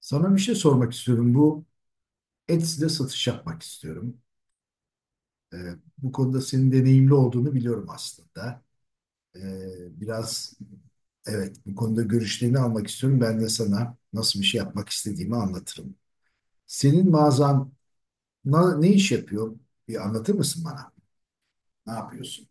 Sana bir şey sormak istiyorum. Bu Etsy'de satış yapmak istiyorum. Ee, Bu konuda senin deneyimli olduğunu biliyorum aslında. Biraz evet bu konuda görüşlerini almak istiyorum. Ben de sana nasıl bir şey yapmak istediğimi anlatırım. Senin mağazan ne iş yapıyor? Bir anlatır mısın bana? Ne yapıyorsun?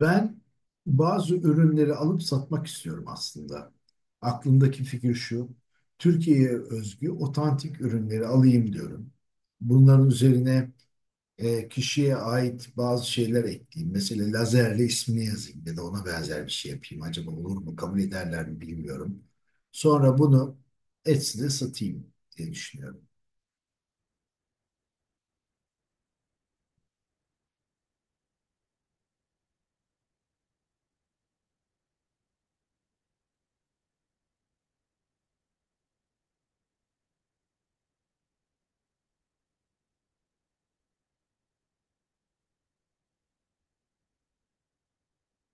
Ben bazı ürünleri alıp satmak istiyorum aslında. Aklımdaki fikir şu. Türkiye'ye özgü otantik ürünleri alayım diyorum. Bunların üzerine kişiye ait bazı şeyler ekleyeyim. Mesela lazerle ismini yazayım ya da ona benzer bir şey yapayım. Acaba olur mu? Kabul ederler mi bilmiyorum. Sonra bunu Etsy'de satayım diye düşünüyorum.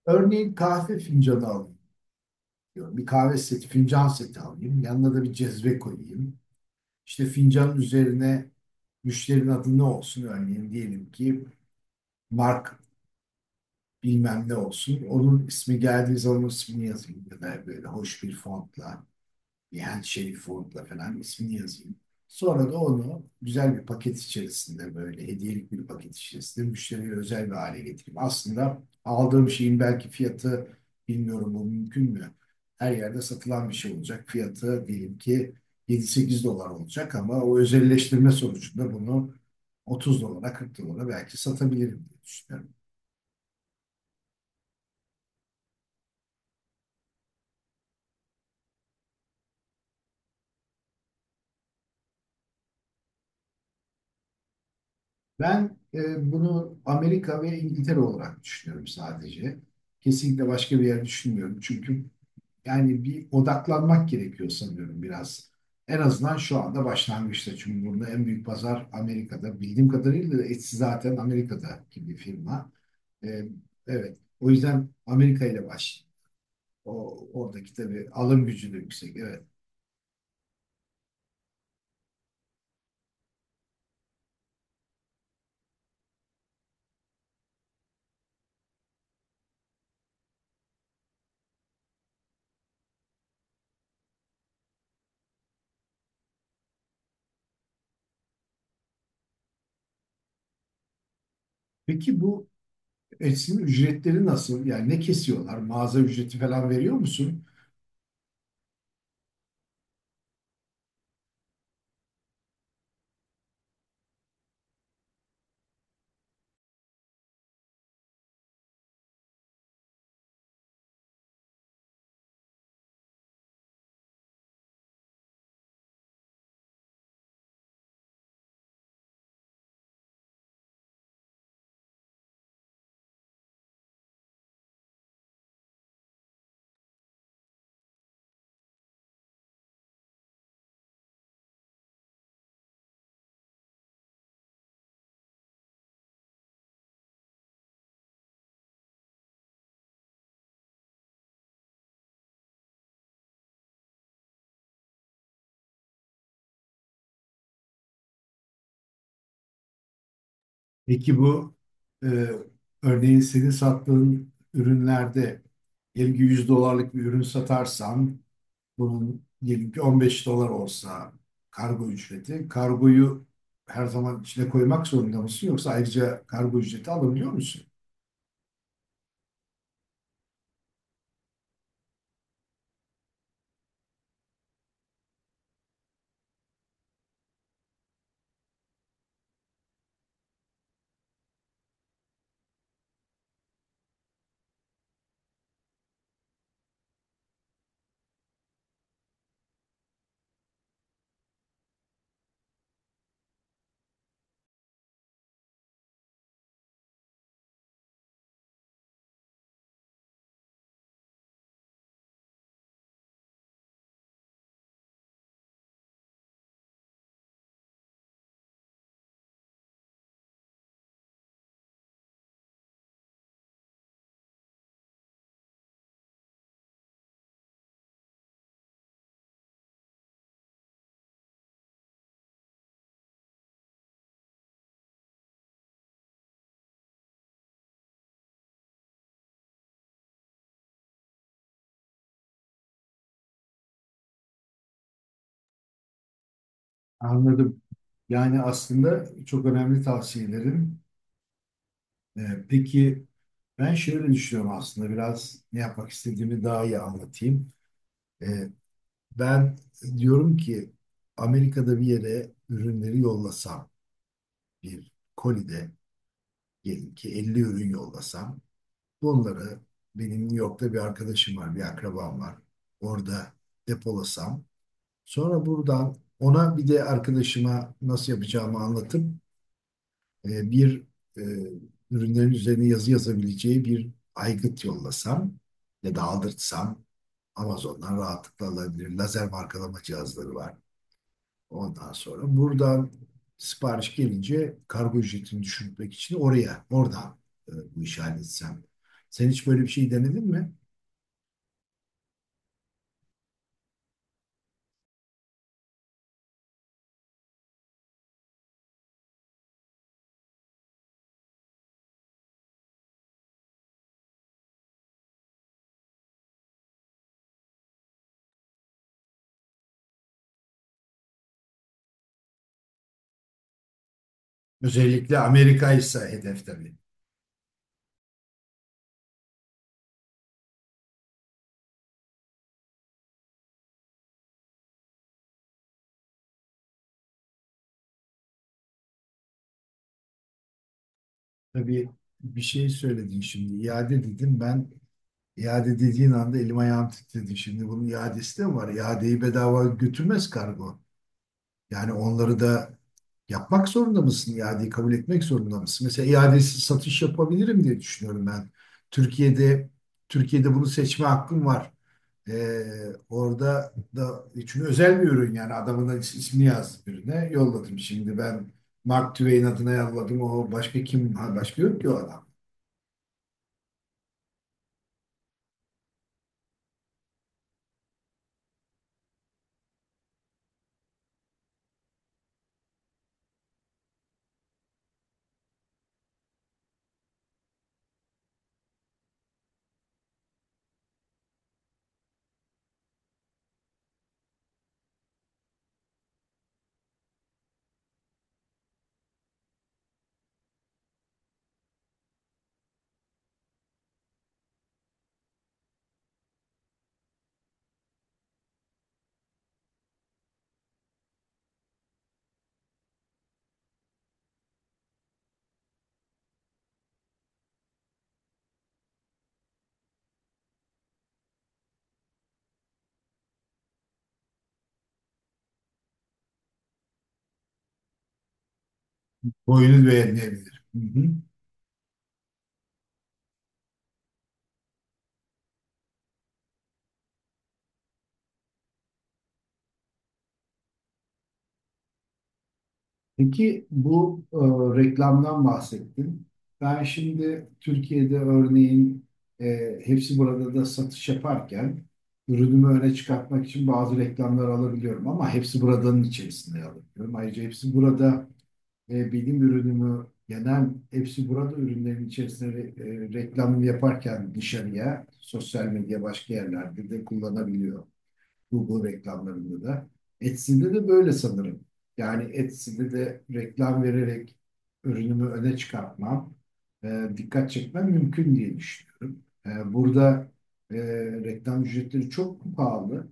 Örneğin kahve fincanı alayım diyorum. Bir kahve seti, fincan seti alayım. Yanına da bir cezve koyayım. İşte fincanın üzerine müşterinin adı ne olsun? Örneğin diyelim ki Mark bilmem ne olsun. Onun ismi geldiği zaman onun ismini yazayım ya da böyle hoş bir fontla. Yani şey Ford'la falan ismini yazayım. Sonra da onu güzel bir paket içerisinde böyle hediyelik bir paket içerisinde müşteriye özel bir hale getireyim. Aslında aldığım şeyin belki fiyatı bilmiyorum bu mümkün mü? Her yerde satılan bir şey olacak. Fiyatı diyelim ki 7-8 dolar olacak ama o özelleştirme sonucunda bunu 30 dolara 40 dolara belki satabilirim diye düşünüyorum. Ben bunu Amerika ve İngiltere olarak düşünüyorum sadece. Kesinlikle başka bir yer düşünmüyorum. Çünkü yani bir odaklanmak gerekiyor sanıyorum biraz. En azından şu anda başlangıçta. Çünkü burada en büyük pazar Amerika'da. Bildiğim kadarıyla da Etsy zaten Amerika'daki bir firma. E, evet. O yüzden Amerika ile baş. O, oradaki tabii alım gücü de yüksek. Evet. Peki bu Etsy'nin ücretleri nasıl? Yani ne kesiyorlar? Mağaza ücreti falan veriyor musun? Peki bu e, örneğin senin sattığın ürünlerde diyelim ki 100 dolarlık bir ürün satarsan bunun diyelim ki 15 dolar olsa kargo ücreti. Kargoyu her zaman içine koymak zorunda mısın yoksa ayrıca kargo ücreti alabiliyor musun? Anladım. Yani aslında çok önemli tavsiyelerin. Peki ben şöyle düşünüyorum aslında biraz ne yapmak istediğimi daha iyi anlatayım. E, Ben diyorum ki Amerika'da bir yere ürünleri yollasam, bir kolide diyelim ki 50 ürün yollasam, bunları benim New York'ta bir arkadaşım var, bir akrabam var. Orada depolasam, sonra buradan ona bir de arkadaşıma nasıl yapacağımı anlatıp bir e, ürünlerin üzerine yazı yazabileceği bir aygıt yollasam ya da aldırtsam Amazon'dan rahatlıkla alabilir. Lazer markalama cihazları var. Ondan sonra buradan sipariş gelince kargo ücretini düşürmek için oradan bu işi halletsem. Sen hiç böyle bir şey denedin mi? Özellikle Amerika ise hedef tabii. Tabii bir şey söyledin şimdi. İade dedim ben. İade dediğin anda elim ayağım titredi. Şimdi bunun iadesi de var. İadeyi bedava götürmez kargo. Yani onları da yapmak zorunda mısın? İadeyi kabul etmek zorunda mısın? Mesela iadesiz satış yapabilirim diye düşünüyorum ben. Türkiye'de Türkiye'de bunu seçme hakkım var. Ee, Orada da çünkü özel bir ürün yani adamın da ismini yazdım birine yolladım. Şimdi ben Mark Twain adına yolladım. O başka kim? Ha, başka yok ki o adam. Boyunu beğenmeyebilir. Hı hı. Peki bu reklamdan bahsettin. Ben şimdi Türkiye'de örneğin hepsi burada da satış yaparken ürünümü öne çıkartmak için bazı reklamlar alabiliyorum ama hepsi buradanın içerisinde alabiliyorum. Ayrıca hepsi burada benim ürünümü genel hepsi burada ürünlerin içerisinde reklamını yaparken dışarıya sosyal medya başka yerlerde de kullanabiliyor. Google reklamlarında da. Etsy'de de böyle sanırım. Yani Etsy'de de reklam vererek ürünümü öne çıkartmam, dikkat çekmem mümkün diye düşünüyorum. Burada e, reklam ücretleri çok pahalı.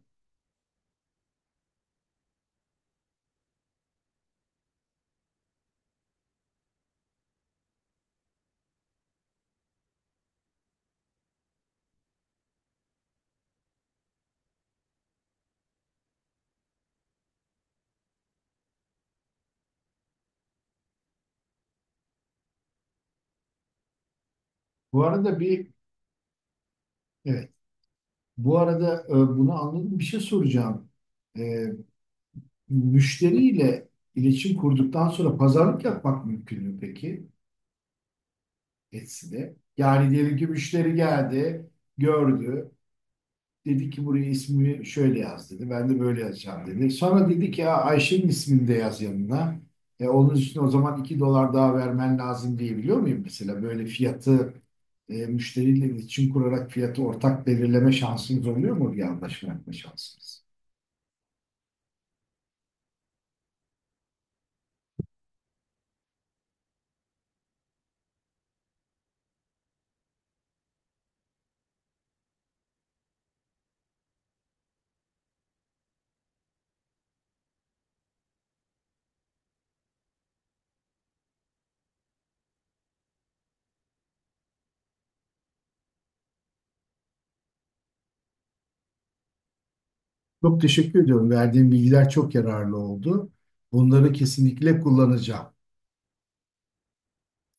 Bu arada bir, evet, bu arada bunu anladım. Bir şey soracağım. E, Müşteriyle iletişim kurduktan sonra pazarlık yapmak mümkün mü peki Etsy'de? Yani diyelim ki müşteri geldi, gördü. Dedi ki buraya ismimi şöyle yaz dedi. Ben de böyle yazacağım dedi. Sonra dedi ki ya Ayşe'nin ismini de yaz yanına. Onun için o zaman 2 dolar daha vermen lazım diyebiliyor muyum mesela? Böyle fiyatı müşteriyle iletişim kurarak fiyatı ortak belirleme şansınız oluyor mu? Bir anlaşma yapma şansınız. Çok teşekkür ediyorum. Verdiğim bilgiler çok yararlı oldu. Bunları kesinlikle kullanacağım.